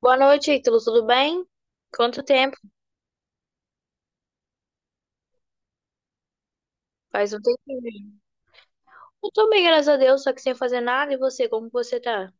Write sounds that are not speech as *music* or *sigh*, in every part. Boa noite, Ítalo. Tudo bem? Quanto tempo? Faz um tempinho. Eu tô bem, graças a Deus, só que sem fazer nada. E você, como você tá?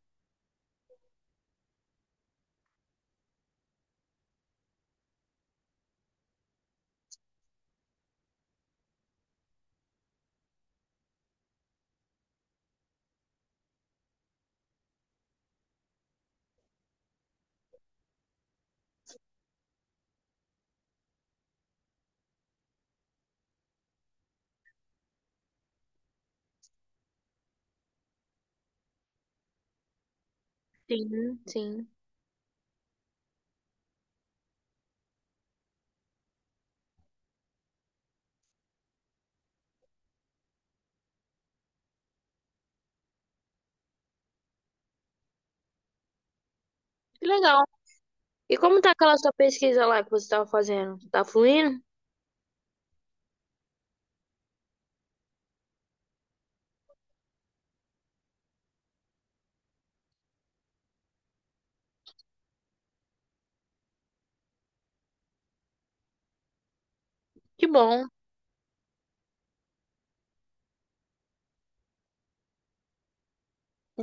Sim, sim. Que legal. E como tá aquela sua pesquisa lá que você tava fazendo? Tá fluindo? Que bom.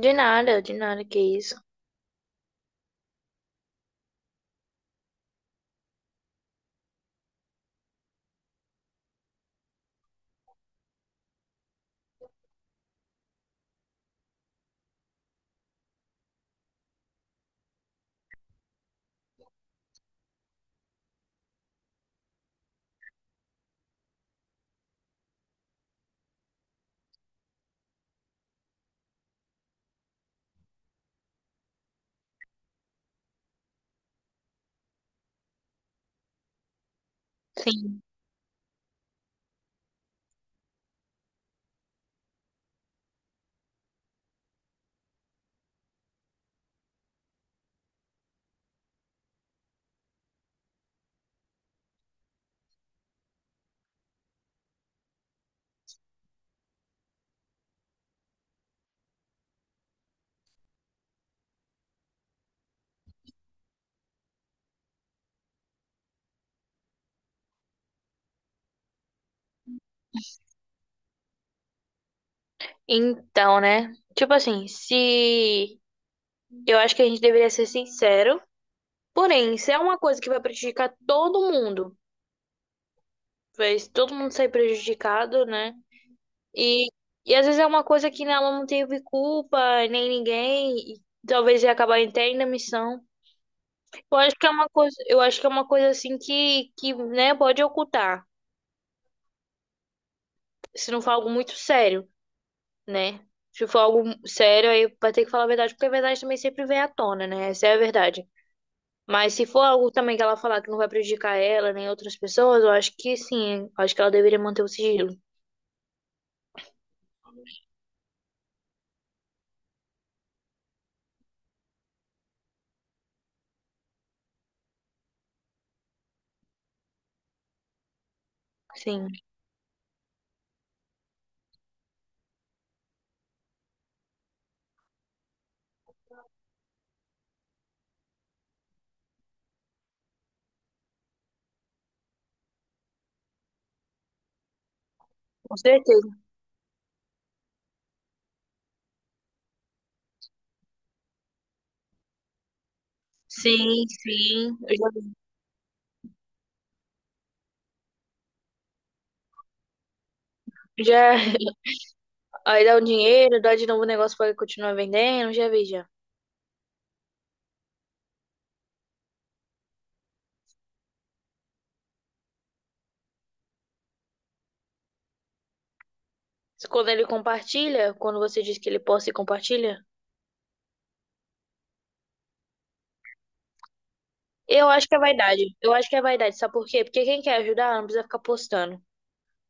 De nada, que isso. Sim. Então, né? Tipo assim, se... Eu acho que a gente deveria ser sincero. Porém, se é uma coisa que vai prejudicar todo mundo, vai todo mundo sair prejudicado, né? E, e às vezes é uma coisa que né, ela não teve culpa, nem ninguém, e talvez ia acabar até indo à missão. Eu acho que é uma coisa, eu acho que é uma coisa assim que, né, pode ocultar, se não for algo muito sério, né? Se for algo sério, aí vai ter que falar a verdade, porque a verdade também sempre vem à tona, né? Essa é a verdade. Mas se for algo também que ela falar que não vai prejudicar ela nem outras pessoas, eu acho que sim, eu acho que ela deveria manter o sigilo. Sim, com certeza. Sim, sim. Eu já, aí dá o dinheiro, dá de novo o negócio pra ele continuar vendendo, já vi já. Quando ele compartilha, quando você diz que ele posta e compartilha, eu acho que é vaidade. Eu acho que é vaidade, sabe por quê? Porque quem quer ajudar não precisa ficar postando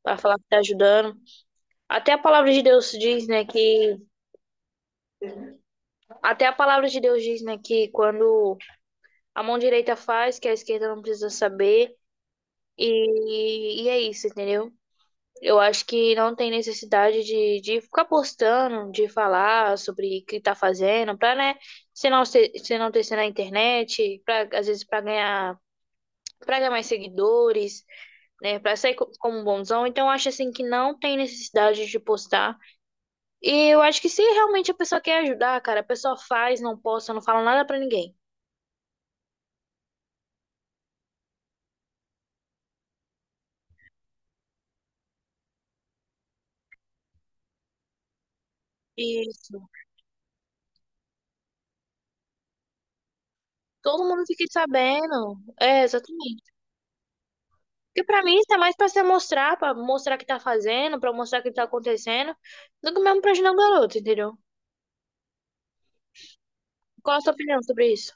pra falar que tá ajudando. Até a palavra de Deus diz, né, que até a palavra de Deus diz, né, que quando a mão direita faz, que a esquerda não precisa saber. E é isso, entendeu? Eu acho que não tem necessidade de ficar postando, de falar sobre o que tá fazendo, pra, né, se não ser, se não ter na internet, pra, às vezes pra ganhar mais seguidores, né, pra sair como um bonzão. Então, eu acho, assim, que não tem necessidade de postar. E eu acho que se realmente a pessoa quer ajudar, cara, a pessoa faz, não posta, não fala nada pra ninguém. Isso. Todo mundo fica sabendo. É, exatamente. Porque pra mim tá mais pra se mostrar, pra mostrar o que tá fazendo, pra mostrar o que tá acontecendo, do que mesmo pra ajudar o garoto, entendeu? Qual a sua opinião sobre isso?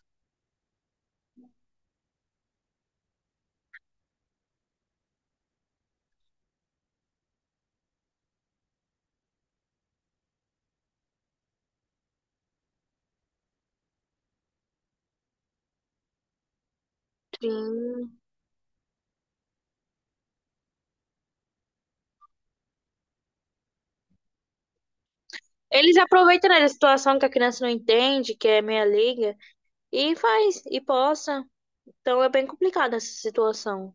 Sim. Eles aproveitam, né, da situação que a criança não entende, que é meia liga, e faz, e posta. Então é bem complicada essa situação.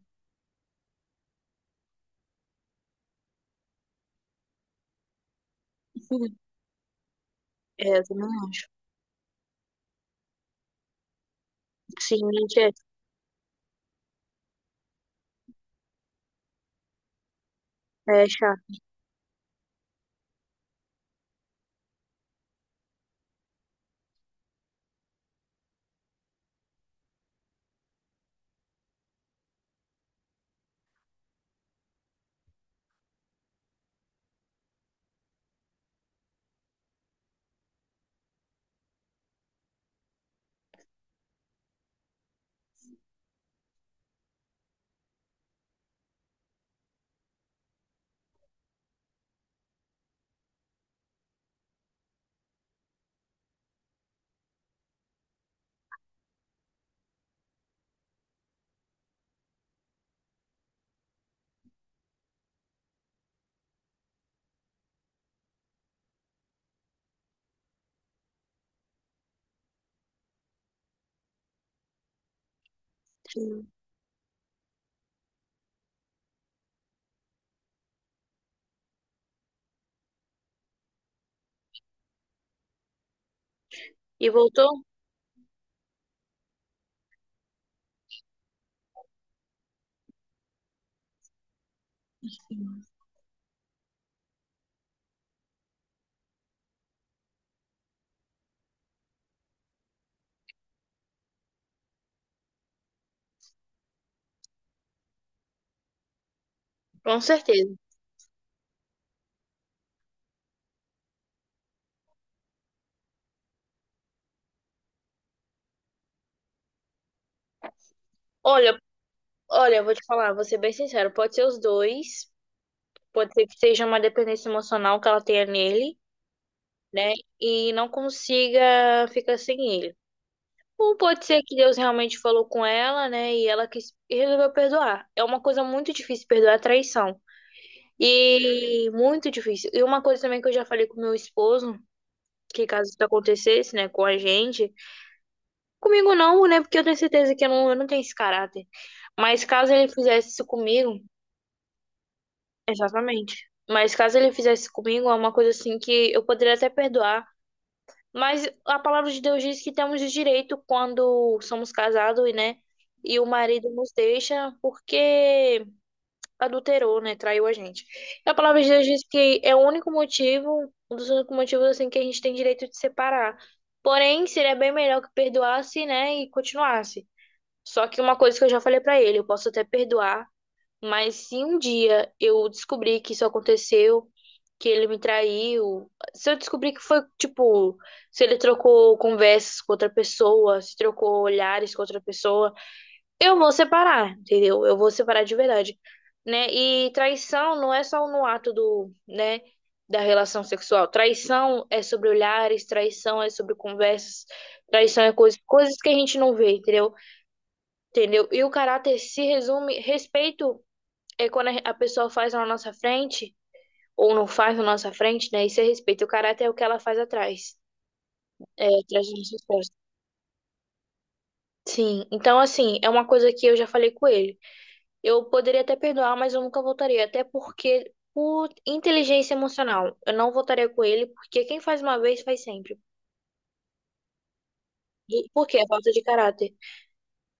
*laughs* Sim. É, eu também acho. Sim, gente, é, é chato. Sim. E voltou? Com certeza. Olha, olha, eu vou te falar, vou ser bem sincero, pode ser os dois, pode ser que seja uma dependência emocional que ela tenha nele. Né? E não consiga ficar sem ele. Ou pode ser que Deus realmente falou com ela, né? E ela quis e resolveu perdoar. É uma coisa muito difícil perdoar a traição. E muito difícil. E uma coisa também que eu já falei com meu esposo, que caso isso acontecesse, né, com a gente, comigo não, né? Porque eu tenho certeza que eu não tenho esse caráter. Mas caso ele fizesse isso comigo, exatamente. Mas caso ele fizesse comigo, é uma coisa assim que eu poderia até perdoar. Mas a palavra de Deus diz que temos o direito quando somos casados, e, né? E o marido nos deixa porque adulterou, né? Traiu a gente. E a palavra de Deus diz que é o único motivo, um dos únicos motivos, assim, que a gente tem direito de separar. Porém, seria bem melhor que perdoasse, né? E continuasse. Só que uma coisa que eu já falei pra ele, eu posso até perdoar, mas se um dia eu descobrir que isso aconteceu, que ele me traiu, se eu descobrir que foi, tipo, se ele trocou conversas com outra pessoa, se trocou olhares com outra pessoa, eu vou separar, entendeu? Eu vou separar de verdade, né? E traição não é só no ato do, né, da relação sexual. Traição é sobre olhares, traição é sobre conversas, traição é coisas que a gente não vê, entendeu? Entendeu? E o caráter se resume respeito é quando a pessoa faz na nossa frente, ou não faz na nossa frente, né? Isso é respeito. O caráter é o que ela faz atrás, é, atrás das nossas costas. Sim, então assim, é uma coisa que eu já falei com ele. Eu poderia até perdoar, mas eu nunca voltaria, até porque por inteligência emocional, eu não voltaria com ele, porque quem faz uma vez faz sempre. E por quê? É falta de caráter.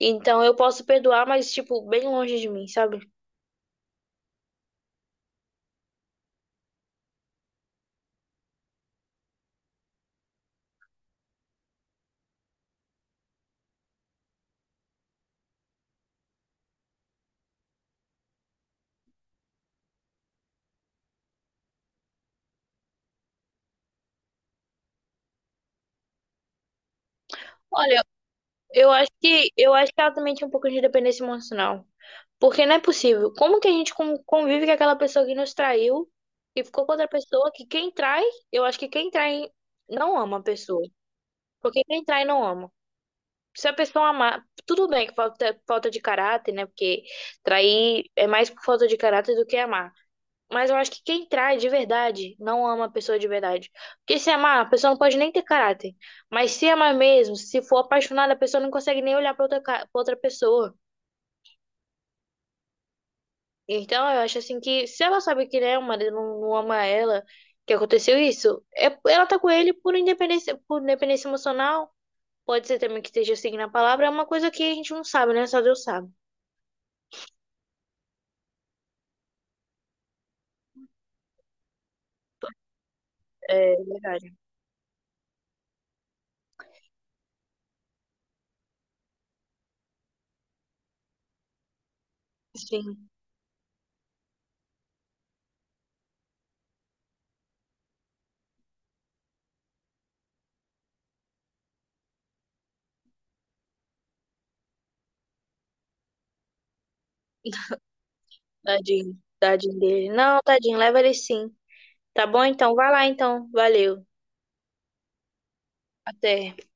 Então eu posso perdoar, mas tipo, bem longe de mim, sabe? Olha, eu acho que ela também tinha um pouco de dependência emocional. Porque não é possível. Como que a gente convive com aquela pessoa que nos traiu e ficou com outra pessoa que quem trai, eu acho que quem trai não ama a pessoa. Porque quem trai não ama. Se a pessoa amar, tudo bem que falta, falta de caráter, né? Porque trair é mais por falta de caráter do que amar. Mas eu acho que quem trai de verdade não ama a pessoa de verdade. Porque se amar, a pessoa não pode nem ter caráter. Mas se amar mesmo, se for apaixonada, a pessoa não consegue nem olhar pra outra, pra outra pessoa. Então, eu acho assim que se ela sabe que né, o marido não ama ela, que aconteceu isso, é, ela tá com ele por independência emocional. Pode ser também que esteja seguindo a palavra, é uma coisa que a gente não sabe, né? Só Deus sabe. É verdade. Sim, tadinho. Tadinho dele. Não, tadinho, leva ele sim. Tá bom então? Vai lá então. Valeu. Até.